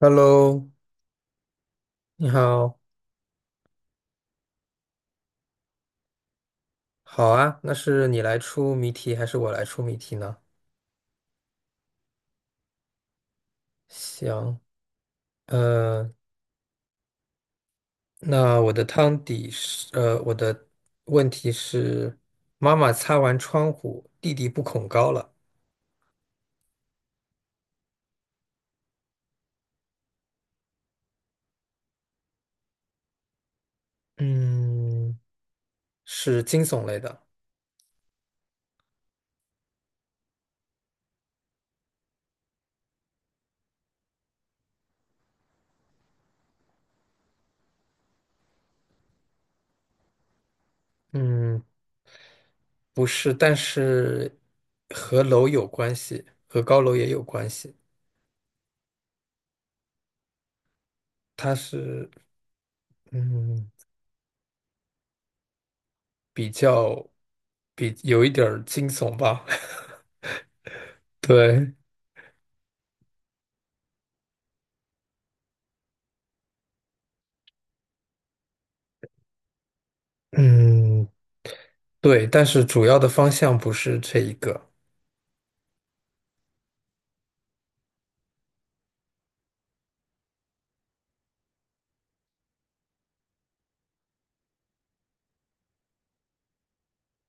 Hello，你好。好啊，那是你来出谜题还是我来出谜题呢？行，呃，那我的汤底是，我的问题是，妈妈擦完窗户，弟弟不恐高了。嗯，是惊悚类的。嗯，不是，但是和楼有关系，和高楼也有关系。它是，嗯，比较，比有一点儿惊悚吧。对。嗯，对，但是主要的方向不是这一个。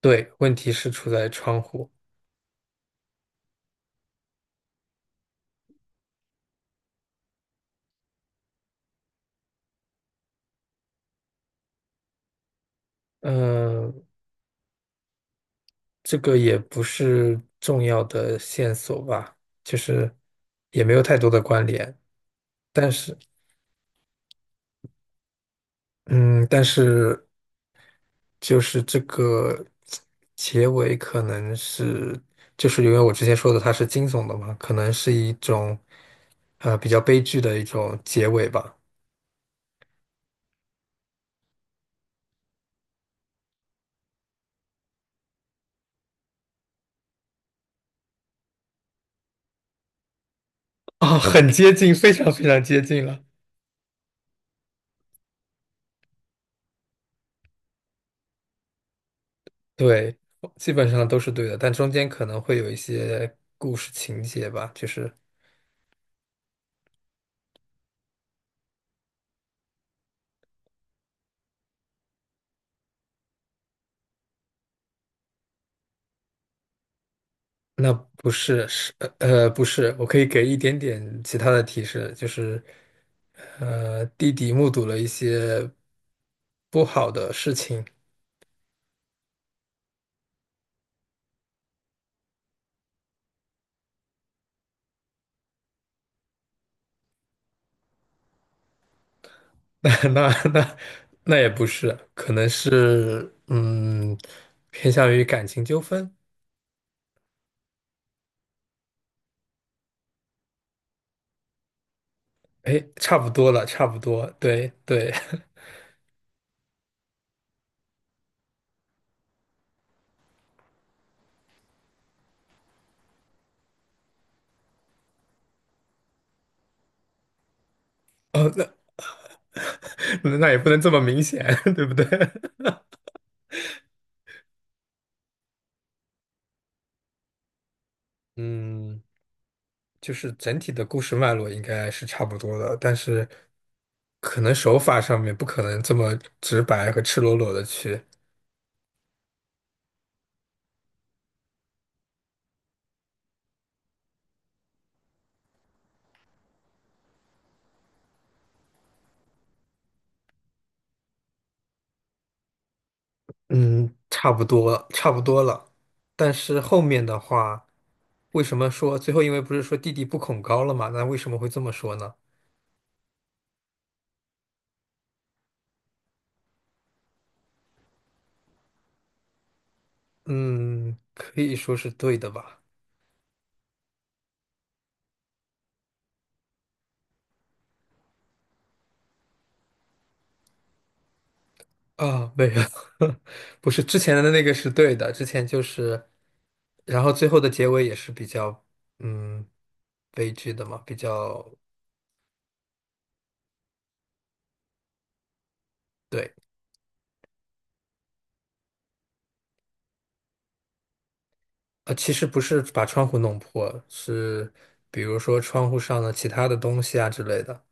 对，问题是出在窗户。嗯，这个也不是重要的线索吧，就是也没有太多的关联。但是，嗯，但是就是这个结尾可能是，就是因为我之前说的它是惊悚的嘛，可能是一种比较悲剧的一种结尾吧。啊，很接近，非常接近了。对，基本上都是对的，但中间可能会有一些故事情节吧，就是那不是，我可以给一点点其他的提示，就是弟弟目睹了一些不好的事情。那那那也不是，可能是偏向于感情纠纷。哎，差不多了，差不多，对对。哦，那那也不能这么明显，对不对？嗯。就是整体的故事脉络应该是差不多的，但是可能手法上面不可能这么直白和赤裸裸的去。嗯，差不多，差不多了。但是后面的话，为什么说最后因为不是说弟弟不恐高了嘛？那为什么会这么说呢？嗯，可以说是对的吧？啊，没有。不是之前的那个是对的，之前就是，然后最后的结尾也是比较，嗯，悲剧的嘛，比较。对。呃，其实不是把窗户弄破，是比如说窗户上的其他的东西啊之类的。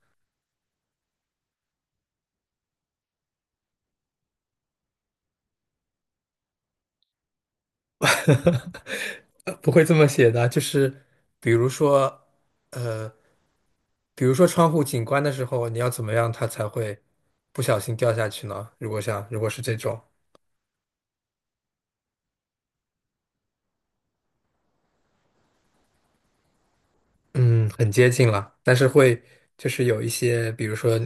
不会这么写的，就是比如说，呃，比如说窗户景观的时候，你要怎么样它才会不小心掉下去呢？如果像如果是这种，嗯，很接近了，但是会就是有一些，比如说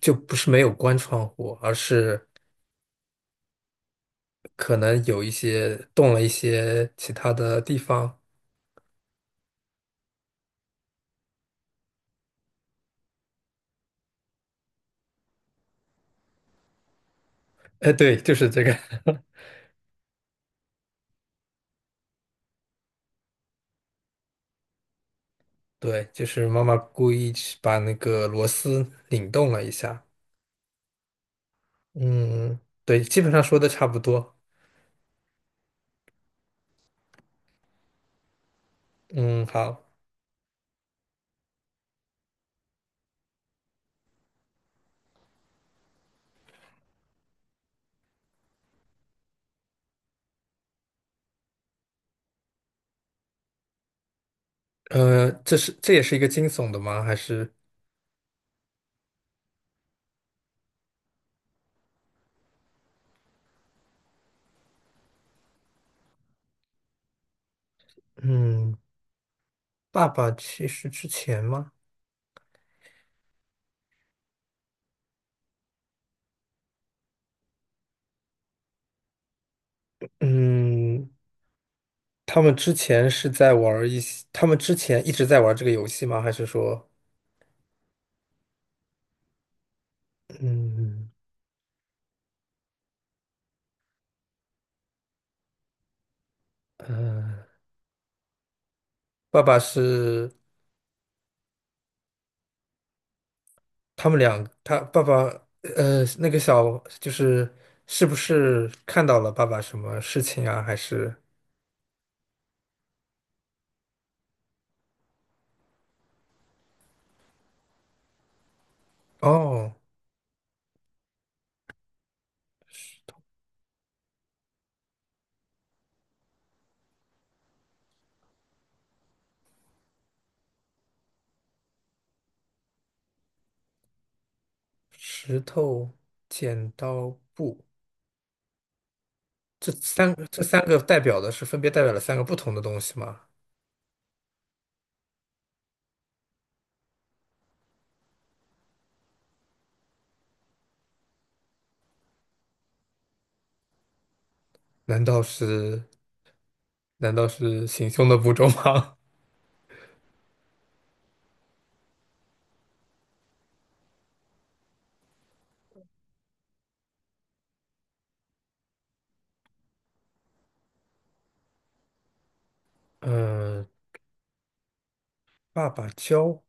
就不是没有关窗户，而是可能有一些动了一些其他的地方。哎，对，就是这个。对，就是妈妈故意去把那个螺丝拧动了一下。嗯，对，基本上说的差不多。嗯，好，这是这也是一个惊悚的吗？还是嗯，爸爸去世之前吗？嗯，他们之前是在玩儿一些，他们之前一直在玩儿这个游戏吗？还是说，嗯，呃，爸爸是？他们俩，他爸爸，那个小就是是不是看到了爸爸什么事情啊？还是哦，石头、剪刀、布，这三个代表的是分别代表了三个不同的东西吗？难道是难道是行凶的步骤吗？嗯，爸爸教，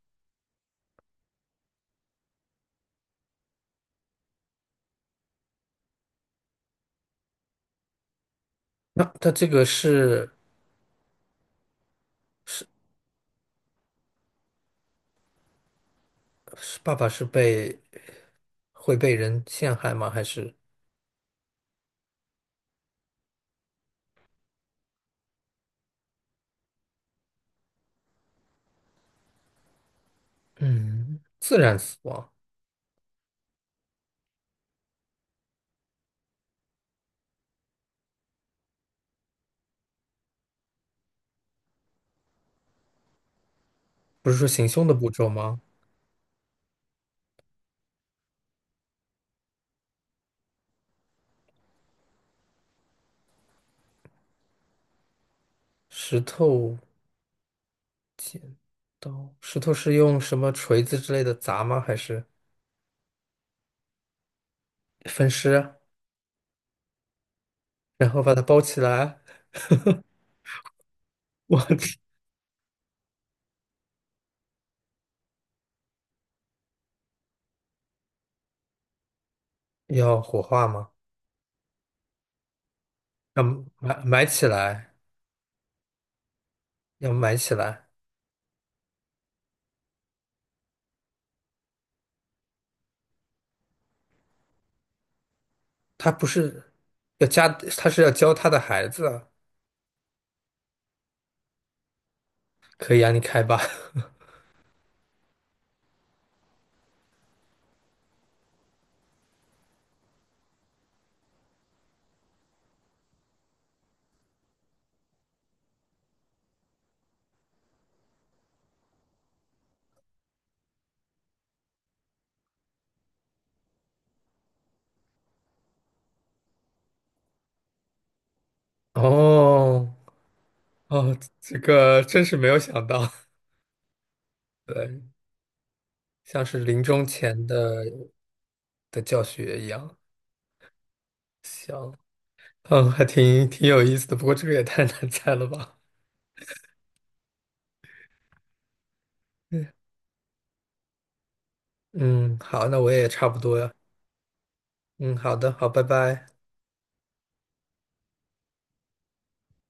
那他这个是是是爸爸是会被人陷害吗？还是嗯，自然死亡？不是说行凶的步骤吗？石头刀，石头是用什么锤子之类的砸吗？还是分尸，然后把它包起来？我去，要火化吗？要埋起来，要埋起来。他不是要家，他是要教他的孩子啊。可以啊，你开吧。哦哦，这个真是没有想到。对，像是临终前的的教学一样，行。嗯，还挺有意思的，不过这个也太难猜了吧？嗯，嗯好，那我也差不多呀。嗯，好的，好，拜拜。